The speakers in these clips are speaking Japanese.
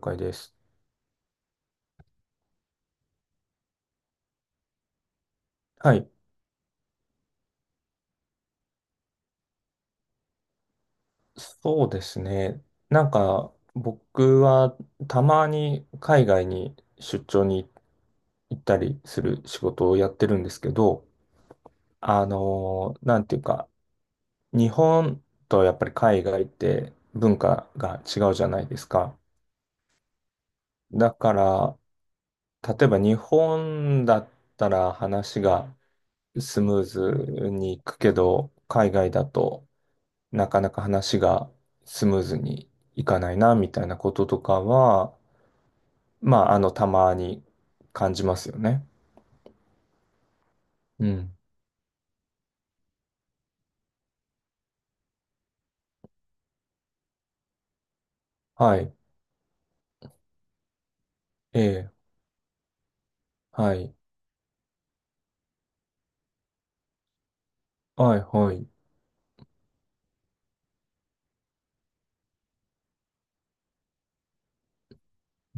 了解です。はい。そうですね。なんか、僕はたまに海外に出張に行ったりする仕事をやってるんですけど、なんていうか、日本とやっぱり海外って文化が違うじゃないですか。だから、例えば日本だったら話がスムーズにいくけど、海外だとなかなか話がスムーズにいかないな、みたいなこととかは、まあ、あの、たまに感じますよね。うん。はい。ええ。はい。はい、はい。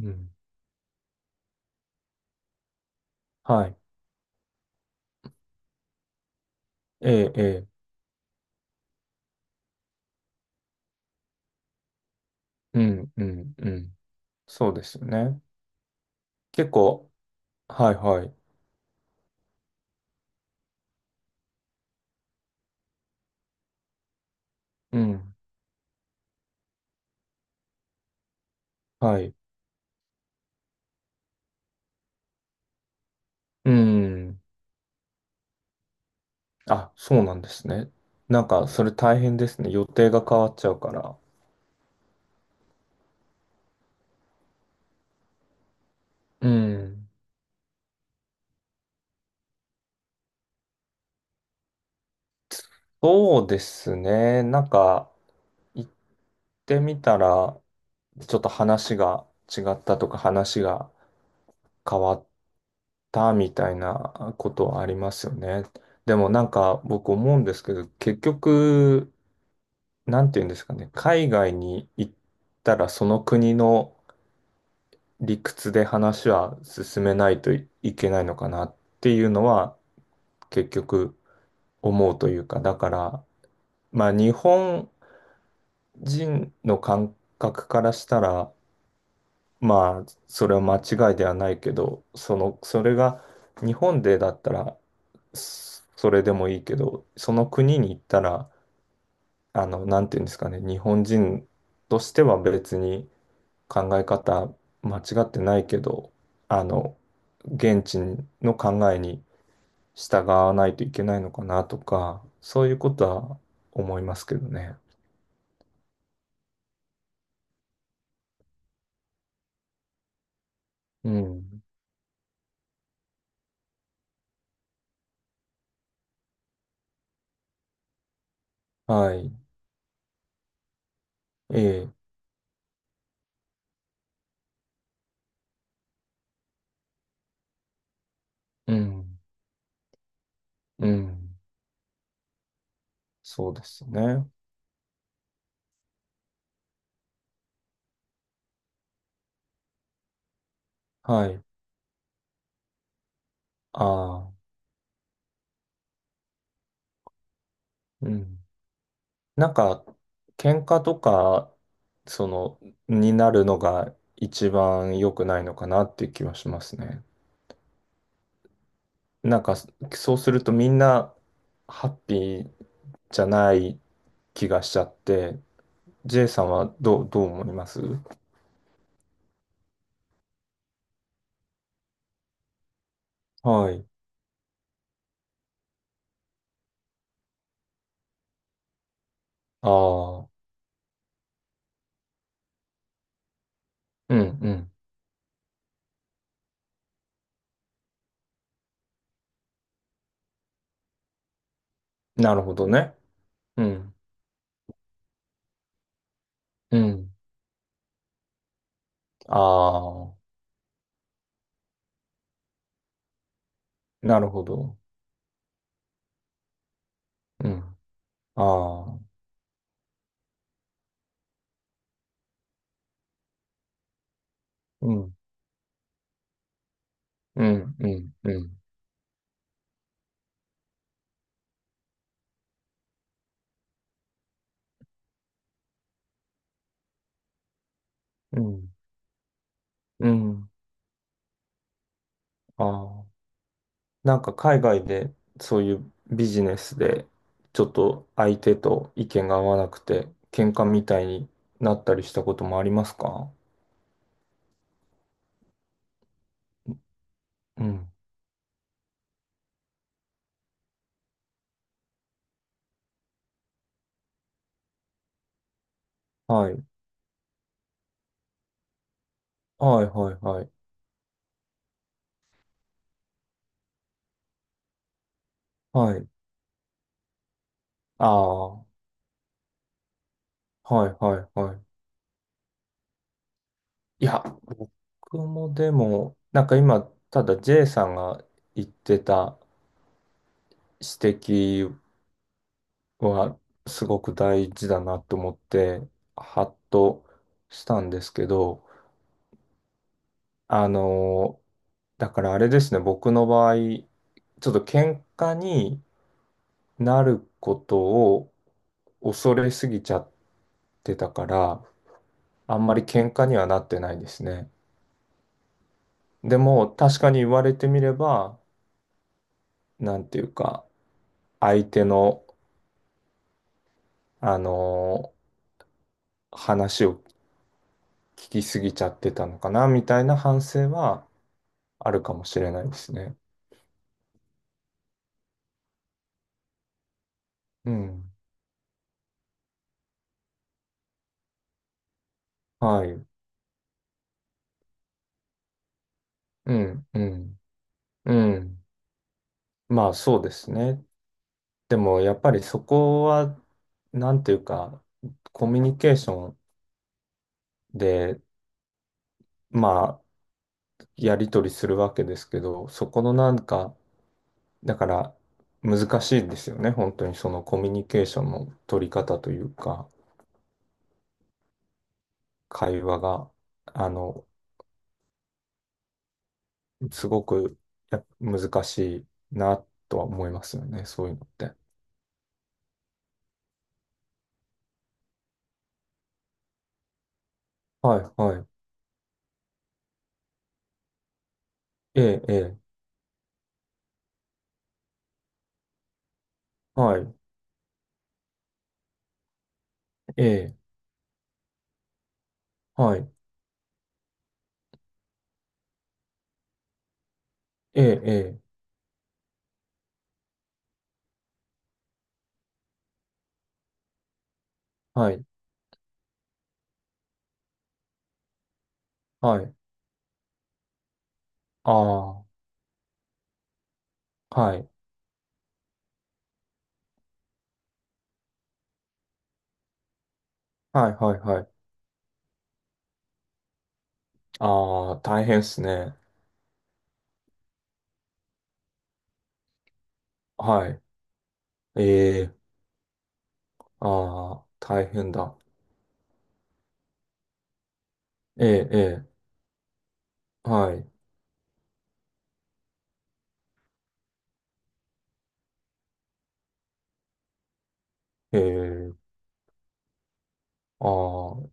うん。はい。ええ、ええ。うん、うん、うん。そうですよね。結構、はい、はい。うん。はい。うん。あ、そうなんですね。なんか、それ大変ですね。予定が変わっちゃうから。うん。そうですね。なんか、一ってみたら、ちょっと話が違ったとか、話が変わったみたいなことはありますよね。でもなんか僕思うんですけど、結局、なんて言うんですかね、海外に行ったらその国の理屈で話は進めないといけないのかなっていうのは結局思うというか、だから、まあ日本人の感覚からしたら、まあ、それは間違いではないけど、その、それが日本でだったら、それでもいいけど、その国に行ったら、あの、なんていうんですかね、日本人としては別に考え方間違ってないけど、あの、現地の考えに従わないといけないのかなとか、そういうことは思いますけどね。うん。はい。ええ。うん。うん。そうですね。はい。ああ、うん。なんか、喧嘩とか、その、になるのが一番良くないのかなっていう気はしますね。なんか、そうするとみんなハッピーじゃない気がしちゃって、J さんはどう、どう思いますはい。ああ、うん、うん。なるほどね。うん、うん。ああ、なるほど。うん。ああ、うん、うん、うん、うん、うん。うんああ、なんか海外でそういうビジネスでちょっと相手と意見が合わなくて喧嘩みたいになったりしたこともありますか？うん。はい。はいはいはい。はい。ああ、はいはいはい。いや、僕もでも、なんか今、ただ J さんが言ってた指摘はすごく大事だなと思って、ハッとしたんですけど、あのだからあれですね、僕の場合、ちょっと喧嘩になることを恐れすぎちゃってたから、あんまり喧嘩にはなってないですね。でも、確かに言われてみれば、なんていうか、相手の、あのー話を聞きすぎちゃってたのかな、みたいな反省はあるかもしれないですね。うん。はい。うん、うん、うん。まあ、そうですね。でもやっぱりそこは、なんていうか、コミュニケーションで、まあ、やり取りするわけですけど、そこのなんか、だから難しいですよね、本当にそのコミュニケーションの取り方というか、会話が、あの、すごく難しいなとは思いますよね、そういうのって。はい、はい、ええ、ええ、はい、ええ、はい、ええ、ええはい、はい、ああ、はい。はいはいはい。ああ、大変っすね。はい。ええ、ああ、大変だ。ええ、ええ、はい。ええ、ああ、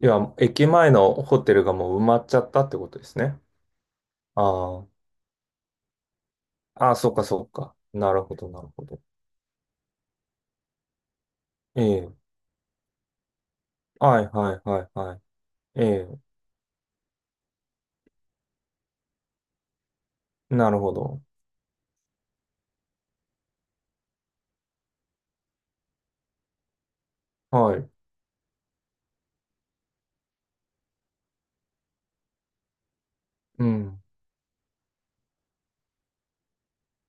いや、駅前のホテルがもう埋まっちゃったってことですね。ああ、ああ、そうか、そうか。なるほど、なるほど。ええ、はい、はい、はい、はい。ええ、なるほど。はい。うん。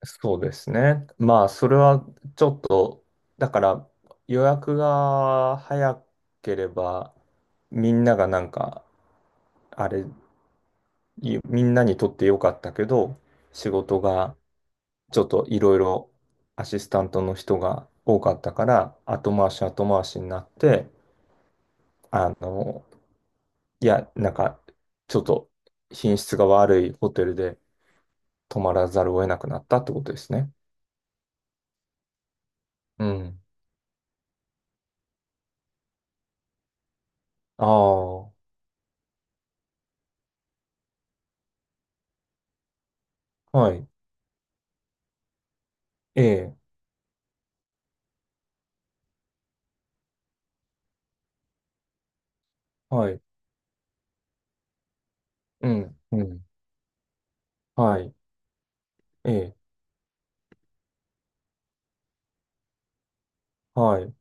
そうですね。まあ、それはちょっと、だから予約が早ければ、みんながなんか、あれ、いみんなにとってよかったけど、仕事がちょっといろいろアシスタントの人が多かったから、後回し後回しになって、あの、いや、なんか、ちょっと品質が悪いホテルで泊まらざるを得なくなったってことですね。うん。ああ、はい。ええ、はい。うん、うん。はい。ええ、はい。う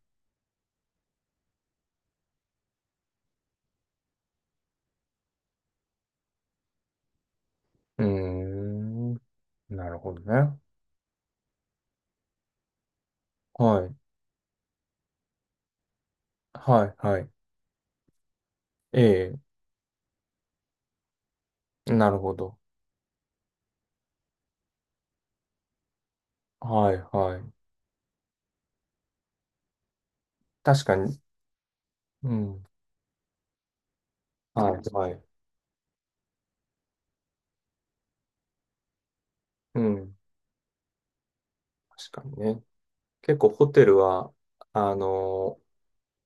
ーん。なるほどね。はい。はい、はい。ええ、なるほど。はいはい。確かに。うん。はいはい。うん。確かにね。結構ホテルは、あのー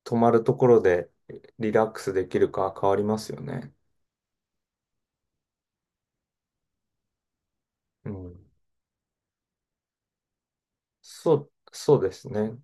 泊まるところでリラックスできるか変わりますよね。うん。そう、そうですね。